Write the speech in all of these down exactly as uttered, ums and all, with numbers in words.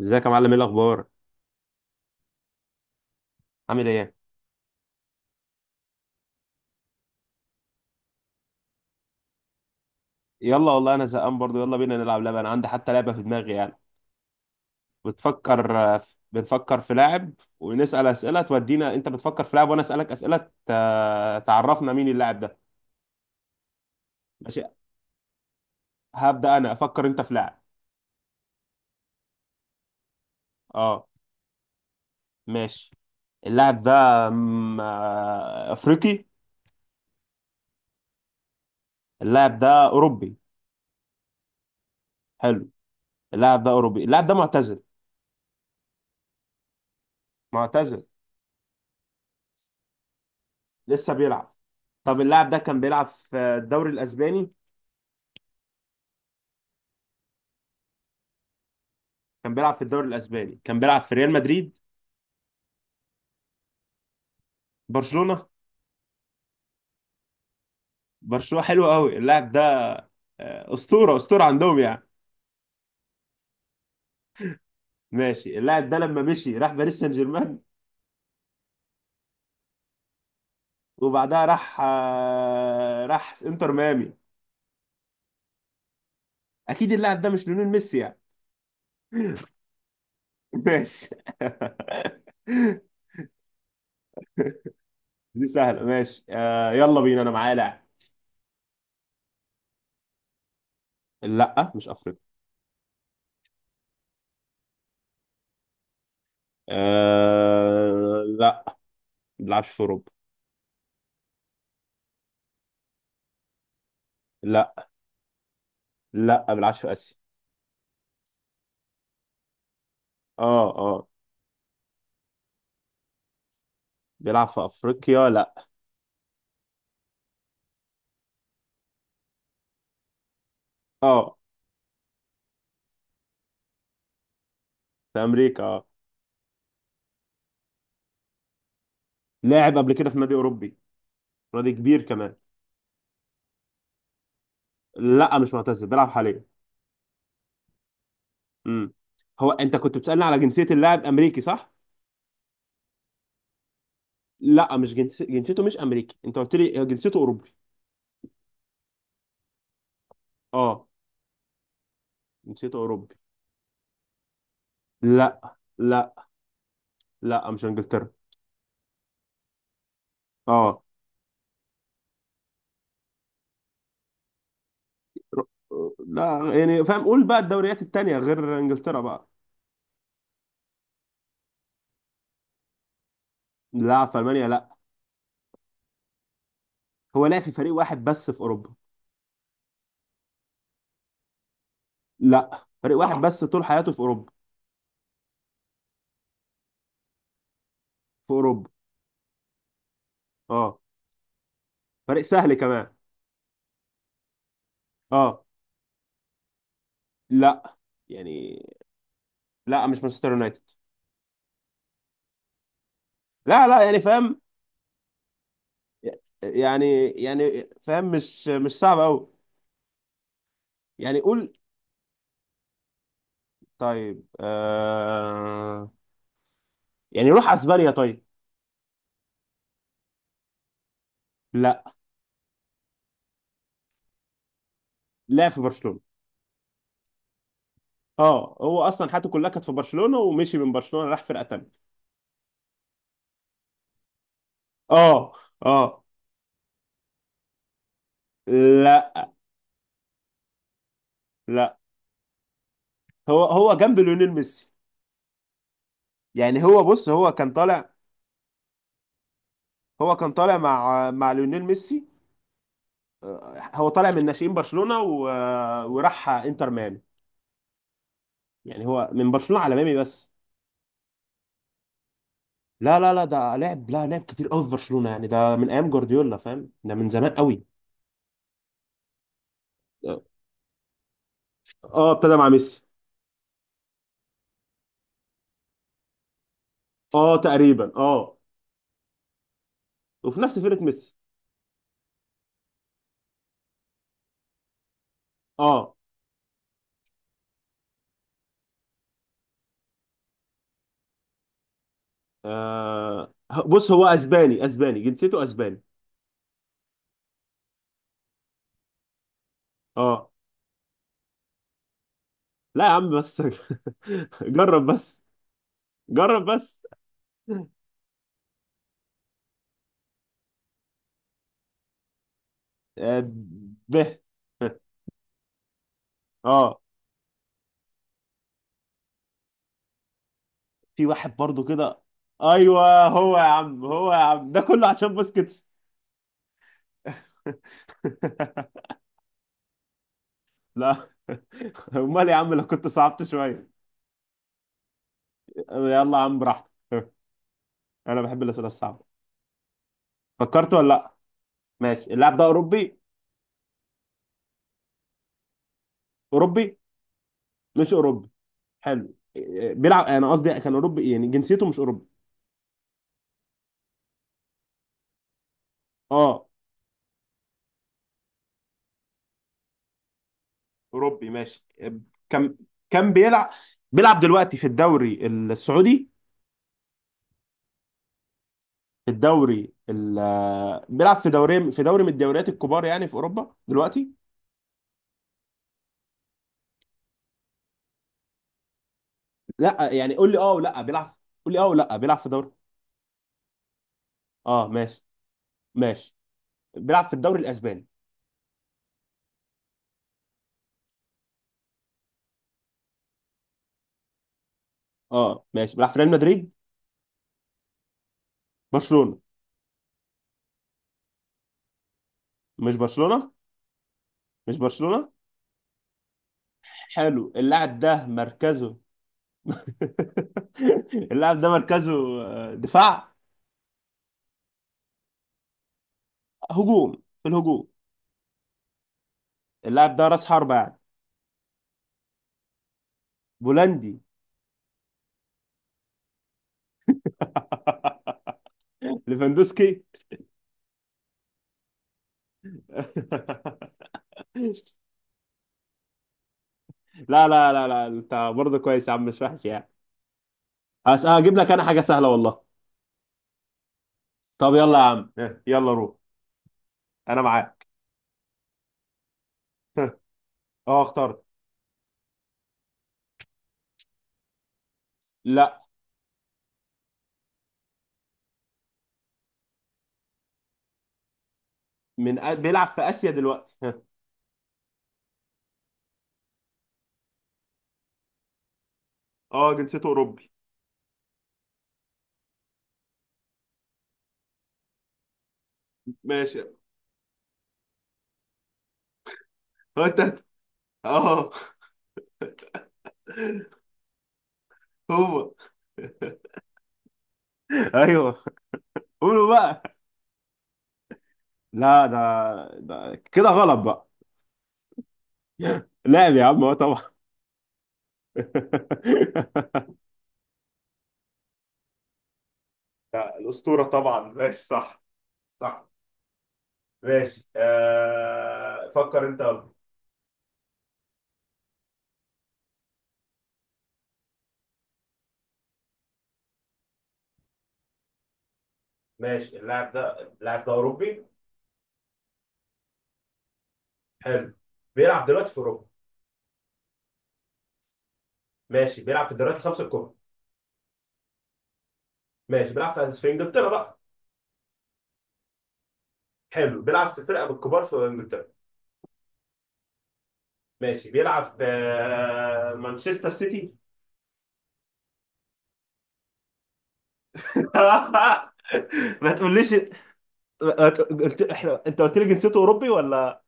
ازيك يا معلم؟ ايه الاخبار؟ عامل ايه؟ يلا والله انا زهقان برضو، يلا بينا نلعب لعبه. انا عندي حتى لعبه في دماغي يعني. بتفكر بنفكر في لاعب ونسال اسئله تودينا. انت بتفكر في لاعب وانا اسالك اسئله ت- تعرفنا مين اللاعب ده. ماشي، هبدا انا، افكر انت في لاعب. اه ماشي. اللاعب ده م- آه، افريقي؟ اللاعب ده اوروبي؟ حلو. اللاعب ده اوروبي، اللاعب ده معتزل؟ معتزل؟ لسه بيلعب. طب اللاعب ده كان بيلعب في الدوري الاسباني؟ كان بيلعب في الدوري الاسباني، كان بيلعب في ريال مدريد؟ برشلونه؟ برشلونه، حلو قوي. اللاعب ده آه، اسطوره، اسطوره عندهم يعني. ماشي، اللاعب ده لما مشي راح باريس سان جيرمان، وبعدها راح آه، راح انتر ميامي. اكيد اللاعب ده مش ليونيل ميسي يعني. ماشي. دي سهله، ماشي آه، يلا بينا، انا معايا لاعب. لا مش افريقيا. آه لا، ما بيلعبش في اوروبا. لا لا، ما بيلعبش في اسيا. اه اه. بيلعب في افريقيا لا. اه، في امريكا اه. لاعب قبل كده في نادي اوروبي، نادي كبير كمان. لا مش معتزل، بيلعب حاليا. امم هو انت كنت بتسالني على جنسيه اللاعب؟ امريكي صح؟ لا مش جنس... جنسيته مش امريكي، انت قلت لي جنسيته اوروبي. اه جنسيته اوروبي. لا لا، لا مش انجلترا. اه. ر- لا يعني فاهم، قول بقى الدوريات التانية غير انجلترا بقى. لا، في المانيا لا. هو لا في فريق واحد بس في اوروبا. لا، فريق واحد بس طول حياته في اوروبا. في اوروبا. اه. فريق سهل كمان. اه لا يعني. لا مش مانشستر يونايتد. لا لا يعني فاهم. يعني يعني فاهم، مش مش صعب قوي. يعني قول. طيب آه، يعني روح اسبانيا طيب. لا. لا، في برشلونة. اه، هو اصلا حياته كلها كانت في برشلونة، ومشي من برشلونة راح فرقة تانية. اه. اه. لا. لا، هو هو جنب ليونيل ميسي يعني. هو، بص، هو كان طالع هو كان طالع مع مع ليونيل ميسي. هو طالع من ناشئين برشلونة و... وراح انتر ميامي. يعني هو من برشلونة على ميامي بس. لا لا لا، ده لعب، لا لعب كتير قوي في برشلونة، يعني ده من ايام جوارديولا فاهم، ده من زمان قوي. اه ابتدى مع ميسي. اه تقريبا اه. وفي نفس فرقة ميسي. اه. آه، بص، هو اسباني، اسباني، جنسيته اسباني. اه لا يا عم بس. جرب بس. جرب بس. آه، به. اه في واحد برضو كده. ايوه هو يا عم، هو يا عم، ده كله عشان بوسكيتس. لا. امال يا عم لو كنت صعبت شويه. يلا يا عم براحتك. انا بحب الاسئله الصعبه. فكرت ولا لا؟ ماشي، اللاعب ده اوروبي؟ اوروبي؟ مش اوروبي؟ حلو، إيه، بيلعب، انا قصدي كان اوروبي يعني، جنسيته مش اوروبي. اه اوروبي ماشي، إيه، كان كان بيلعب، بيلعب دلوقتي في الدوري السعودي؟ في الدوري ال... آه، بيلعب في دوري، في دوري من الدوريات الكبار يعني في اوروبا دلوقتي؟ لا يعني قول لي اه ولا بيلعب. قول لي اه ولا بيلعب في دوري. اه ماشي. ماشي، بيلعب في الدوري الاسباني. اه ماشي، بيلعب في ريال مدريد؟ برشلونة؟ مش برشلونة؟ مش برشلونة؟ حلو، اللاعب ده مركزه؟ اللاعب ده مركزه آه، دفاع؟ هجوم، في الهجوم. اللاعب ده راس حربة يعني. بولندي. ليفاندوسكي. لا لا لا، لا انت برضه كويس يا عم، مش وحش يعني. هس- هجيب لك انا حاجة سهلة والله. طب يلا يا عم، يلا روح، انا معاك. اه اخترت. لا، من أ- بيلعب في اسيا دلوقتي؟ اه جنسيته اوروبي. ماشي. هو انت هت- اه. هو ايوه، قولوا بقى. لا ده، ده كده غلط بقى. لاعب يا عم، هو طبعا. لا، الأسطورة طبعا، ماشي صح. صح. ماشي آه، فكر انت يلا. ماشي، اللاعب ده، اللاعب ده اوروبي؟ حلو. بيلعب دلوقتي في اوروبا؟ ماشي، بيلعب في الدوريات الخمسه الكبرى؟ ماشي، بيلعب في في انجلترا بقى؟ حلو، بيلعب في فرقه بالكبار في انجلترا؟ ماشي، بيلعب في آه، مانشستر سيتي. ما تقوليش. ما ت- قلت، احنا انت قلت لي جنسيته اوروبي ولا؟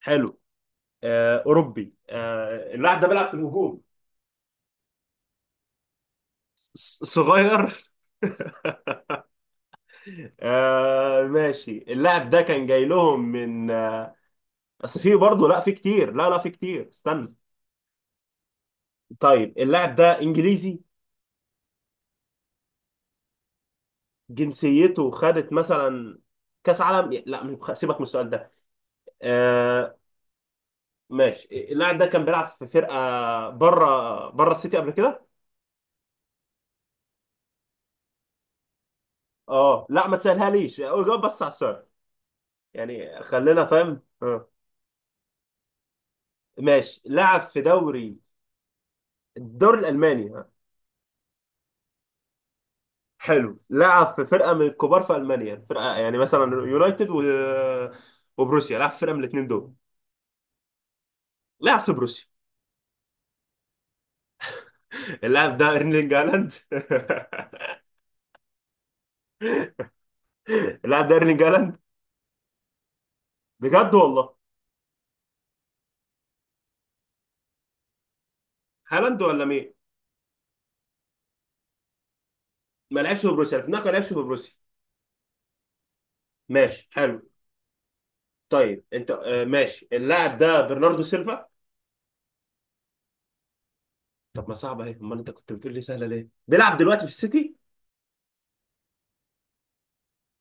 حلو. آه، اوروبي، آه، اللاعب ده بيلعب في الهجوم. ص- صغير. آه، ماشي، اللاعب ده كان جاي لهم من آه، اصل في برضه، لا في كتير، لا لا في كتير استنى. طيب اللاعب ده انجليزي؟ جنسيته خدت مثلا كاس عالم؟ لا مش- بخ- سيبك من السؤال ده. آه، ماشي، اللاعب ده كان بيلعب في فرقة بره، بره السيتي قبل كده. اه لا ما تسالهاليش، اقول جاوب بس على السؤال. يعني خلينا فاهم اه. ماشي، لعب في دوري، الدوري الالماني ها. حلو، لعب في فرقه من الكبار في المانيا، فرقه يعني مثلا يونايتد و... وبروسيا، لعب في فرقه من الاثنين دول. لعب في بروسيا. اللاعب ده ايرلينج هالاند. اللاعب ده ايرلينج هالاند. بجد والله. هالاند ولا مين؟ ما لعبش في بروسيا الفنان، ما لعبش في بروسيا. ماشي حلو. طيب انت آه، ماشي، اللاعب ده برناردو سيلفا. طب ما صعبه اهي، امال انت كنت بتقول لي سهله ليه؟ بيلعب دلوقتي في السيتي.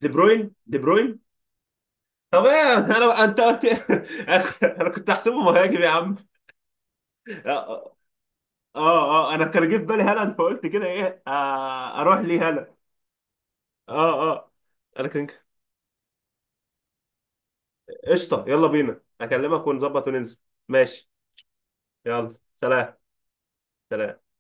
دي بروين، دي بروين. طب ايه انا، انت قلت إيه؟ انا كنت احسبه مهاجم يا عم. اه اه. آه، آه، انا كان جه في بالي هالاند، فقلت كده ايه آه اروح ليه هالاند. اه اه. انا كان، قشطه يلا بينا، اكلمك ونظبط وننزل. ماشي. يلا سلام. سلام.